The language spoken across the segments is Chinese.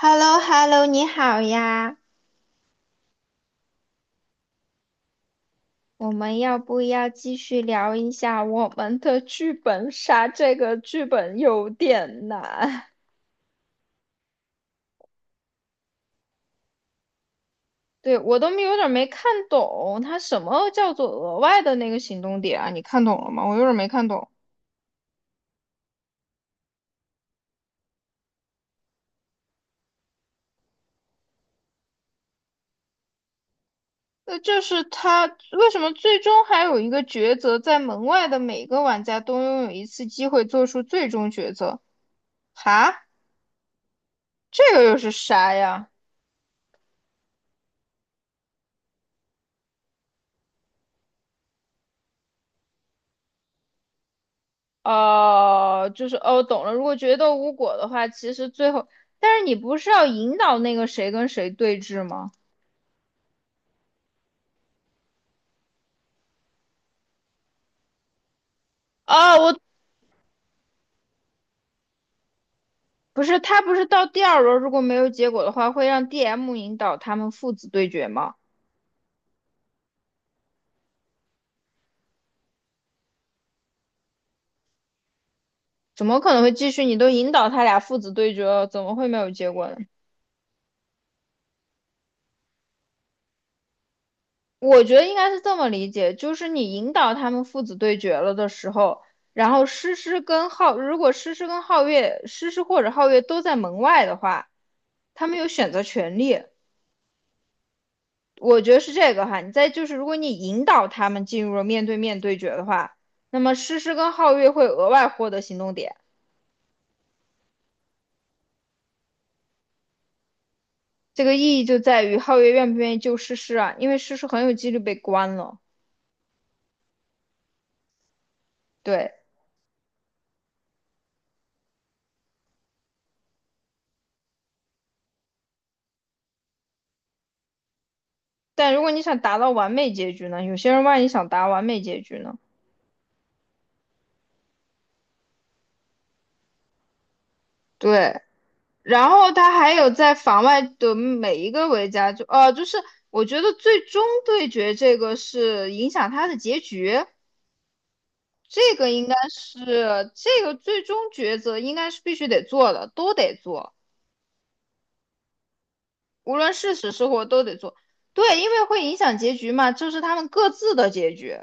h e l l o h e l l o 你好呀，我们要不要继续聊一下我们的剧本杀？这个剧本有点难，对，我都没有点没看懂，它什么叫做额外的那个行动点啊？你看懂了吗？我有点没看懂。就是他为什么最终还有一个抉择，在门外的每个玩家都拥有一次机会做出最终抉择？哈，这个又是啥呀？哦，就是哦，懂了。如果决斗无果的话，其实最后，但是你不是要引导那个谁跟谁对峙吗？哦，我不是，他不是到第二轮如果没有结果的话，会让 DM 引导他们父子对决吗？怎么可能会继续？你都引导他俩父子对决了，怎么会没有结果呢？我觉得应该是这么理解，就是你引导他们父子对决了的时候，然后诗诗跟浩，如果诗诗跟皓月，诗诗或者皓月都在门外的话，他们有选择权利。我觉得是这个哈，你再就是，如果你引导他们进入了面对面对决的话，那么诗诗跟皓月会额外获得行动点。这个意义就在于皓月愿不愿意救诗诗啊，因为诗诗很有几率被关了。对，但如果你想达到完美结局呢？有些人万一想达完美结局呢？对，然后他还有在房外的每一个维加就就是我觉得最终对决这个是影响他的结局。这个应该是这个最终抉择，应该是必须得做的，都得做，无论是死是活都得做。对，因为会影响结局嘛，这是他们各自的结局。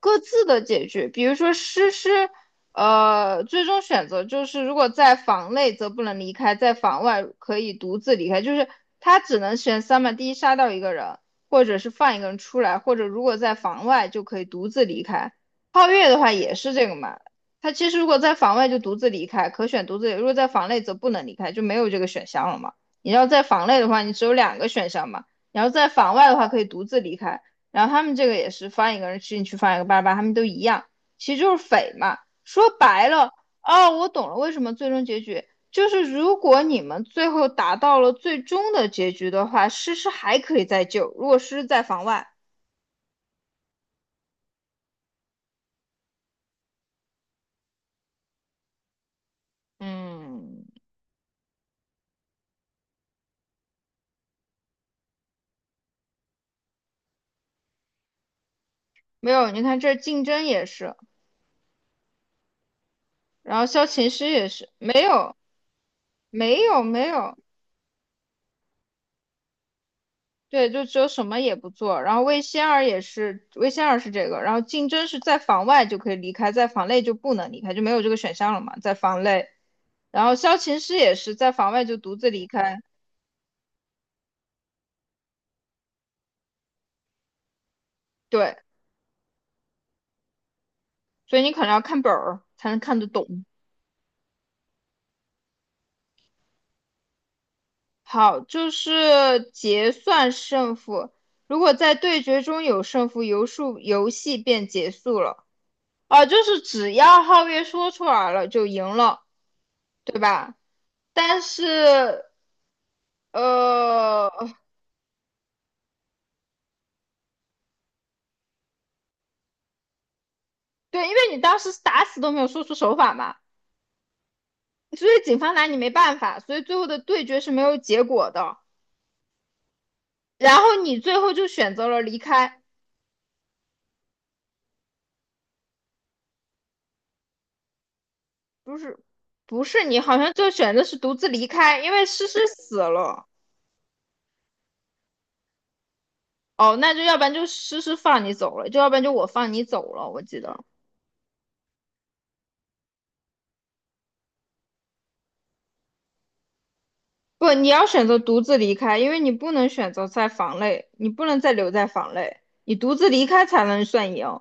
各自的解决。比如说诗诗，最终选择就是如果在房内则不能离开，在房外可以独自离开，就是他只能选三嘛，第一杀掉一个人，或者是放一个人出来，或者如果在房外就可以独自离开。皓月的话也是这个嘛，他其实如果在房外就独自离开，可选独自离如果在房内则不能离开，就没有这个选项了嘛。你要在房内的话，你只有两个选项嘛。你要在房外的话，可以独自离开。然后他们这个也是放一个人去进去，放一个八拉巴拉他们都一样，其实就是匪嘛。说白了，哦，我懂了，为什么最终结局就是如果你们最后达到了最终的结局的话，诗诗还可以再救，如果诗诗在房外，嗯，没有，你看这竞争也是，然后萧琴师也是，没有，没有，没有，对，就只有什么也不做。然后魏仙儿也是，魏仙儿是这个。然后竞争是在房外就可以离开，在房内就不能离开，就没有这个选项了嘛，在房内。然后萧琴师也是在房外就独自离开，对，所以你可能要看本儿才能看得懂。好，就是结算胜负。如果在对决中有胜负，游数游戏便结束了。啊，就是只要皓月说出来了就赢了，对吧？但是呃，对，因为你当时是打死都没有说出手法嘛，所以警方拿你没办法，所以最后的对决是没有结果的。然后你最后就选择了离开，不是，不是你好像就选择是独自离开，因为诗诗死了。哦，那就要不然就诗诗放你走了，就要不然就我放你走了，我记得。不，你要选择独自离开，因为你不能选择在房内，你不能再留在房内，你独自离开才能算赢。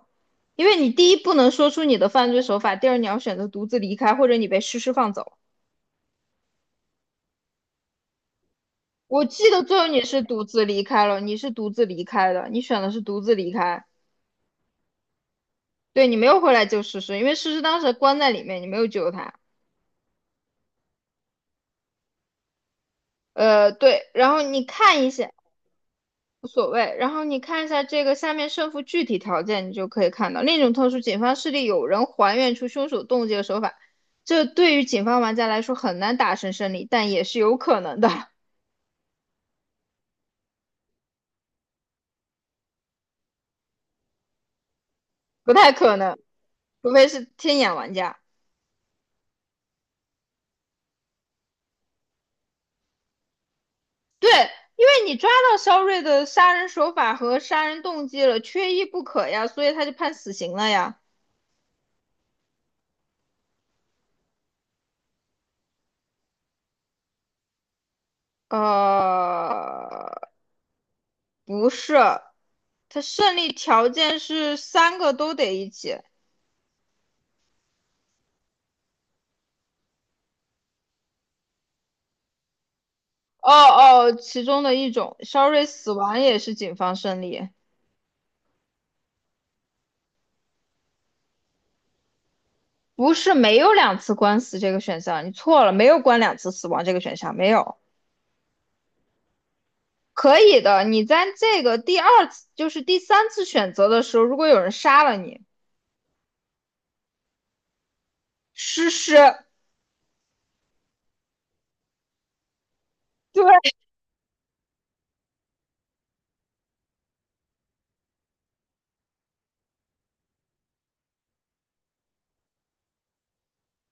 因为你第一不能说出你的犯罪手法，第二你要选择独自离开，或者你被诗诗放走。我记得最后你是独自离开了，你是独自离开的，你选的是独自离开，对你没有回来救诗诗，因为诗诗当时关在里面，你没有救她。对，然后你看一下。无所谓。然后你看一下这个下面胜负具体条件，你就可以看到另一种特殊，警方势力有人还原出凶手动机的手法，这对于警方玩家来说很难达成胜利，但也是有可能的，不太可能，除非是天眼玩家。对，因为你抓到肖瑞的杀人手法和杀人动机了，缺一不可呀，所以他就判死刑了呀。呃，不是，他胜利条件是三个都得一起。哦哦，其中的一种，肖瑞死亡也是警方胜利，不是没有两次官司这个选项，你错了，没有关两次死亡这个选项，没有，可以的。你在这个第二次，就是第三次选择的时候，如果有人杀了你，诗诗，对，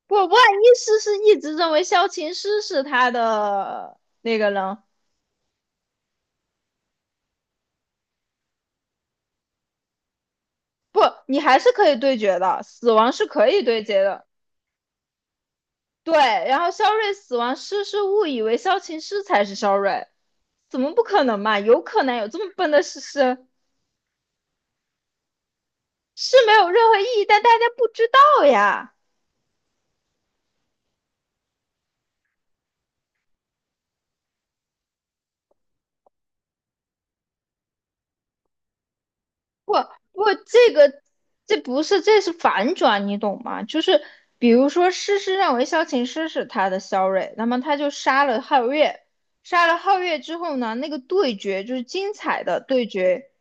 不，万一诗诗一直认为萧琴诗是他的那个人，不，你还是可以对决的，死亡是可以对决的，对。然后肖瑞死亡，诗诗误以为萧琴诗才是肖瑞。怎么不可能嘛？有可能有这么笨的诗诗，是没有任何意义，但大家不知道呀。不不，这不是，这是反转，你懂吗？就是比如说，诗诗认为萧琴诗是他的萧睿，那么他就杀了皓月，杀了皓月之后呢，那个对决就是精彩的对决，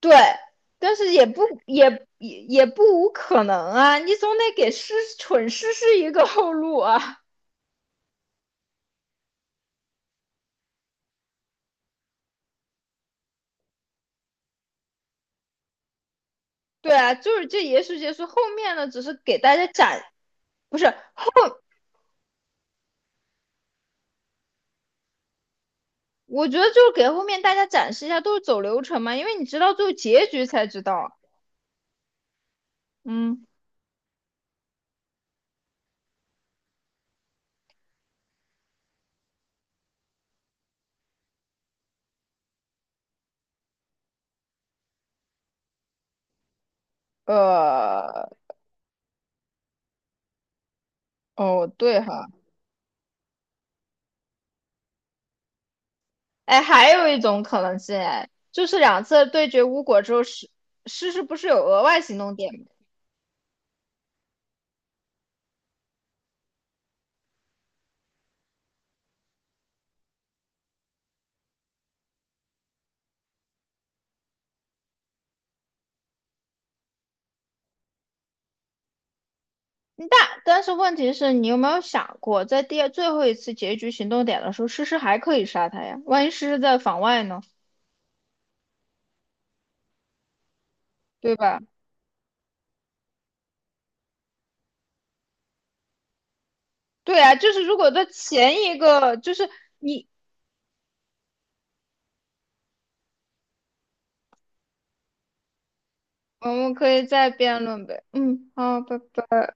对，但是也不也也也不无可能啊，你总得给诗蠢诗诗一个后路啊。对啊，就是这也许结束，后面呢，只是给大家展，不是，我觉得就是给后面大家展示一下，都是走流程嘛，因为你知道最后结局才知道。嗯，呃，哦，对哈，哎，还有一种可能性，哎，就是两次对决无果之后，诗不是有额外行动点吗？但是问题是你有没有想过，在第二最后一次结局行动点的时候，诗诗还可以杀他呀？万一诗诗在房外呢？对吧？对啊，就是如果在前一个，就是我们可以再辩论呗。嗯，好，拜拜。